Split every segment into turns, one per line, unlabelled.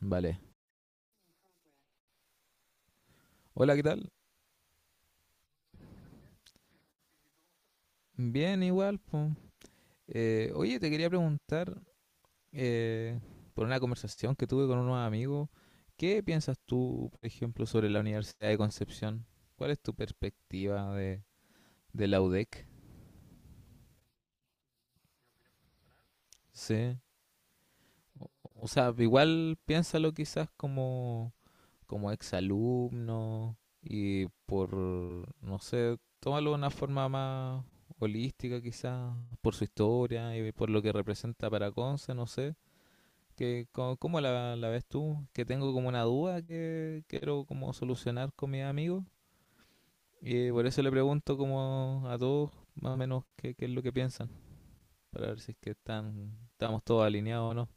Vale. Hola, ¿qué tal? Bien, igual, po. Oye, te quería preguntar eh, por una conversación que tuve con unos amigos. ¿Qué piensas tú, por ejemplo, sobre la Universidad de Concepción? ¿Cuál es tu perspectiva de la UDEC? Sí. O, o sea, igual piénsalo quizás como exalumno y por, no sé, tómalo de una forma más holística quizás, por su historia y por lo que representa para Conce, no sé. ¿Cómo la ves tú? Que tengo como una duda que quiero como solucionar con mis amigos, y por eso le pregunto como a todos más o menos qué es lo que piensan para ver si es que estamos todos alineados o no.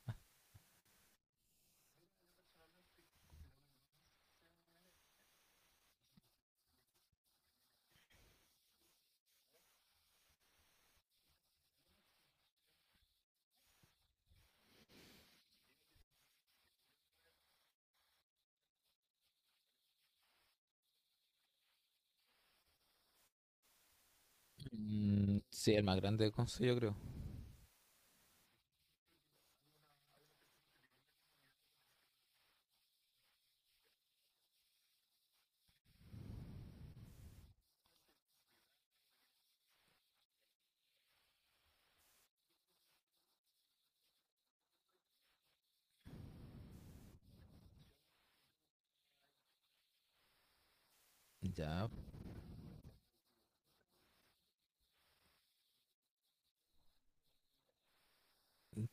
Mm, sí, el más grande del consejo yo creo. Ya,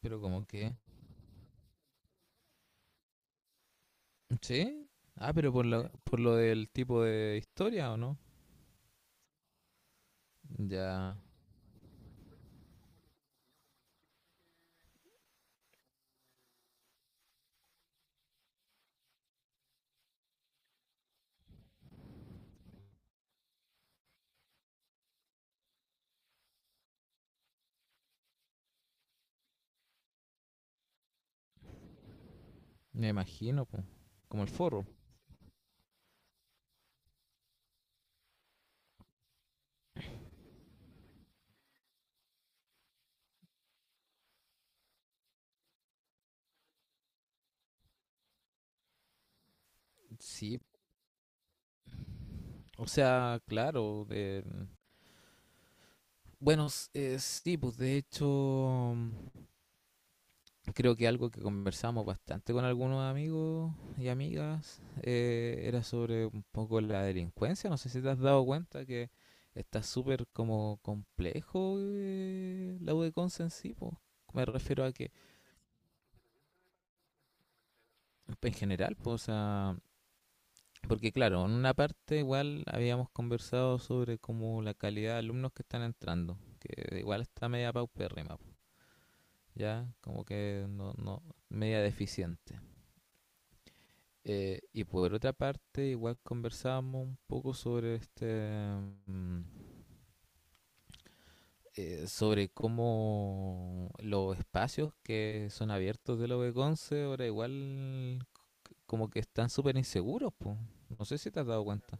pero como que... ¿Sí? Ah, pero por por lo del tipo de historia o no. Ya, me imagino, pues, como el forro. Sí, o sea, claro, de... Bueno, sí, pues de hecho, mm, creo que algo que conversamos bastante con algunos amigos y amigas, era sobre un poco la delincuencia. No sé si te has dado cuenta que está súper como complejo, la U en sí, pues. Me refiero a que en general, pues, o sea, porque claro, en una parte igual habíamos conversado sobre como la calidad de alumnos que están entrando, que igual está media paupérrima, ya como que no... media deficiente. Y por otra parte, igual conversábamos un poco sobre este, mm, sobre cómo los espacios que son abiertos de la V11 ahora igual como que están súper inseguros, pues. No sé si te has dado cuenta.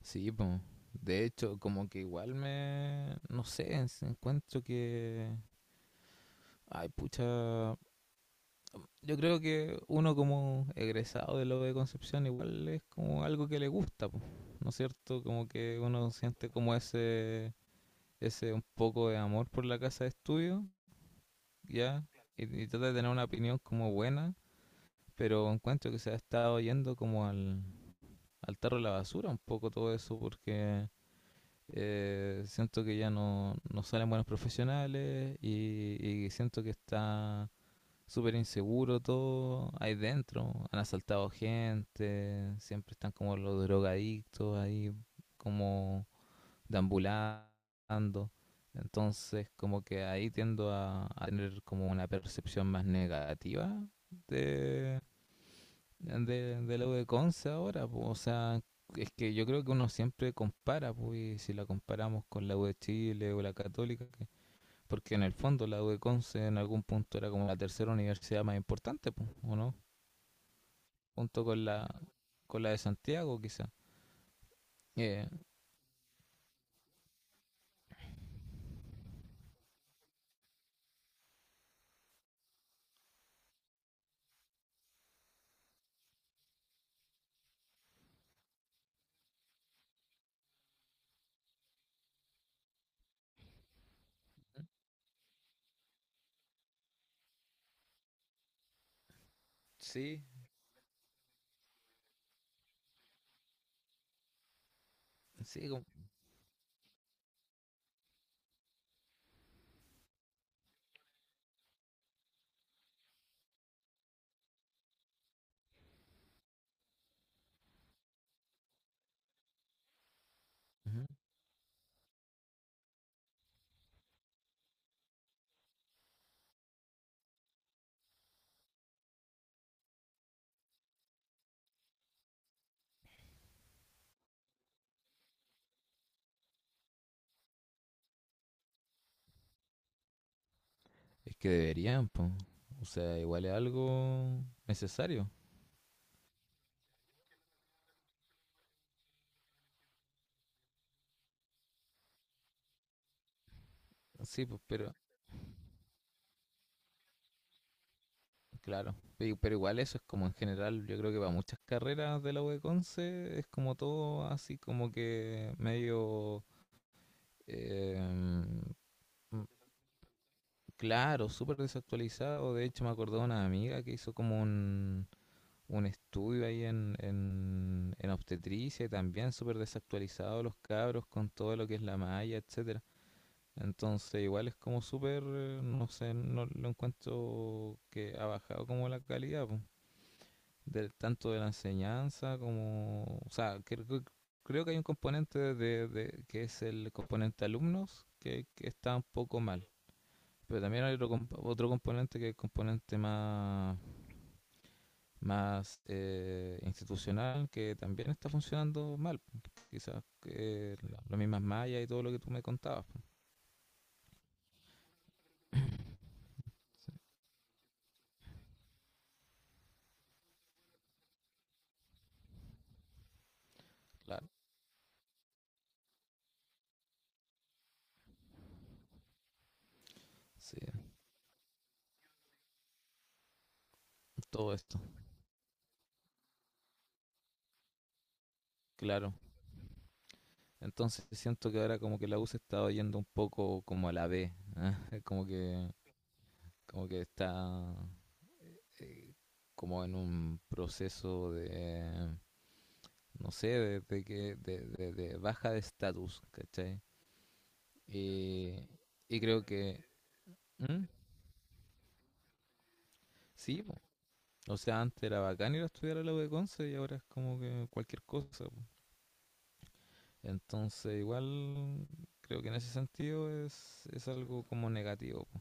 Sí, pues. De hecho, como que igual me, no sé, encuentro que... ay, pucha, yo creo que uno como egresado de lo de Concepción igual es como algo que le gusta, po, ¿no es cierto? Como que uno siente como ese un poco de amor por la casa de estudio, ¿ya? Y trata de tener una opinión como buena, pero encuentro que se ha estado yendo como al tarro de la basura un poco todo eso porque, siento que ya no salen buenos profesionales y siento que está súper inseguro todo ahí dentro. Han asaltado gente, siempre están como los drogadictos ahí, como deambulando. Entonces, como que ahí tiendo a tener como una percepción más negativa de, de lo de Conce ahora, po. O sea, es que yo creo que uno siempre compara, pues, y si la comparamos con la U de Chile o la Católica, porque en el fondo la U de Conce en algún punto era como la tercera universidad más importante, pues, ¿o no? Junto con con la de Santiago, quizá. Eh, sí, sí. Como... ujú. Es que deberían, pues. O sea, igual es algo necesario. Sí, pues, pero claro. Pero igual eso es como en general, yo creo que para muchas carreras de la U de Conce es como todo así como que medio... em, claro, súper desactualizado. De hecho, me acordé de una amiga que hizo como un estudio ahí en obstetricia, y también súper desactualizado los cabros con todo lo que es la malla, etcétera. Entonces, igual es como súper, no sé, no lo encuentro, que ha bajado como la calidad, po, del, tanto de la enseñanza como, o sea, creo que hay un componente que es el componente alumnos que está un poco mal, pero también hay otro componente que es el componente más, más, institucional, que también está funcionando mal. Quizás que las mismas mallas y todo lo que tú me contabas, pues. Claro, sí, todo esto, claro. Entonces siento que ahora como que la U se está yendo un poco como a la B, ¿eh? Como que, como que está, eh, como en un proceso de, no sé, de baja de estatus, ¿cachai? Y, y creo que... ¿Mm? Sí, po. O sea, antes era bacán ir a estudiar a la U de Conce y ahora es como que cualquier cosa, po. Entonces, igual creo que en ese sentido es algo como negativo, po.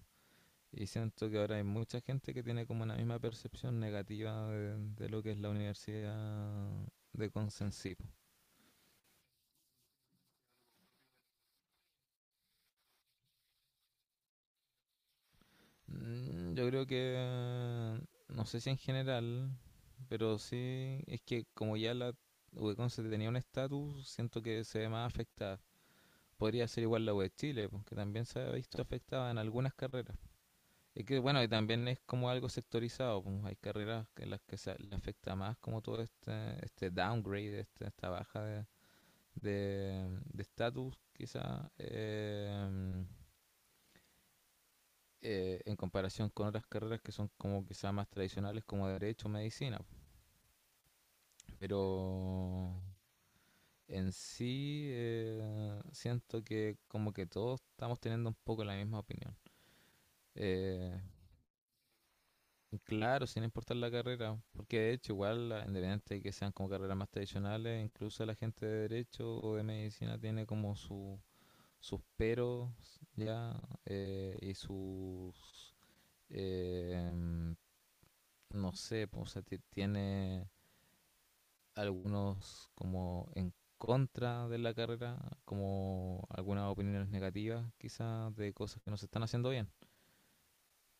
Y siento que ahora hay mucha gente que tiene como una misma percepción negativa de lo que es la universidad de Conce en sí, po. Mm, yo creo que, no sé si en general, pero sí, es que como ya la UECON tenía un estatus, siento que se ve más afectada. Podría ser igual la UE Chile, po, que también se ha visto afectada en algunas carreras. Es que, bueno, y también es como algo sectorizado, pues hay carreras en las que se le afecta más como todo este, este downgrade, esta baja de estatus, quizá. En comparación con otras carreras que son como quizás más tradicionales, como derecho o medicina. Pero en sí, siento que como que todos estamos teniendo un poco la misma opinión. Eh, claro, sin importar la carrera, porque de hecho igual, independiente de que sean como carreras más tradicionales, incluso la gente de derecho o de medicina tiene como su, sus peros, ya, y sus... eh, no sé, pues, o sea, tiene algunos como en contra de la carrera, como algunas opiniones negativas quizás de cosas que no se están haciendo bien.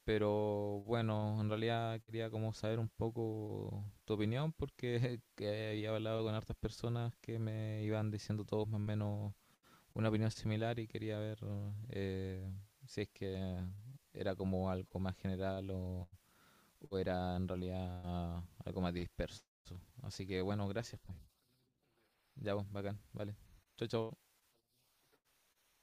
Pero bueno, en realidad quería como saber un poco tu opinión, porque que había hablado con hartas personas que me iban diciendo todos más o menos una opinión similar y quería ver, eh, si es que era como algo más general o era en realidad algo más disperso. Así que bueno, gracias, pues. Ya, pues, bacán, vale. Chao, chao.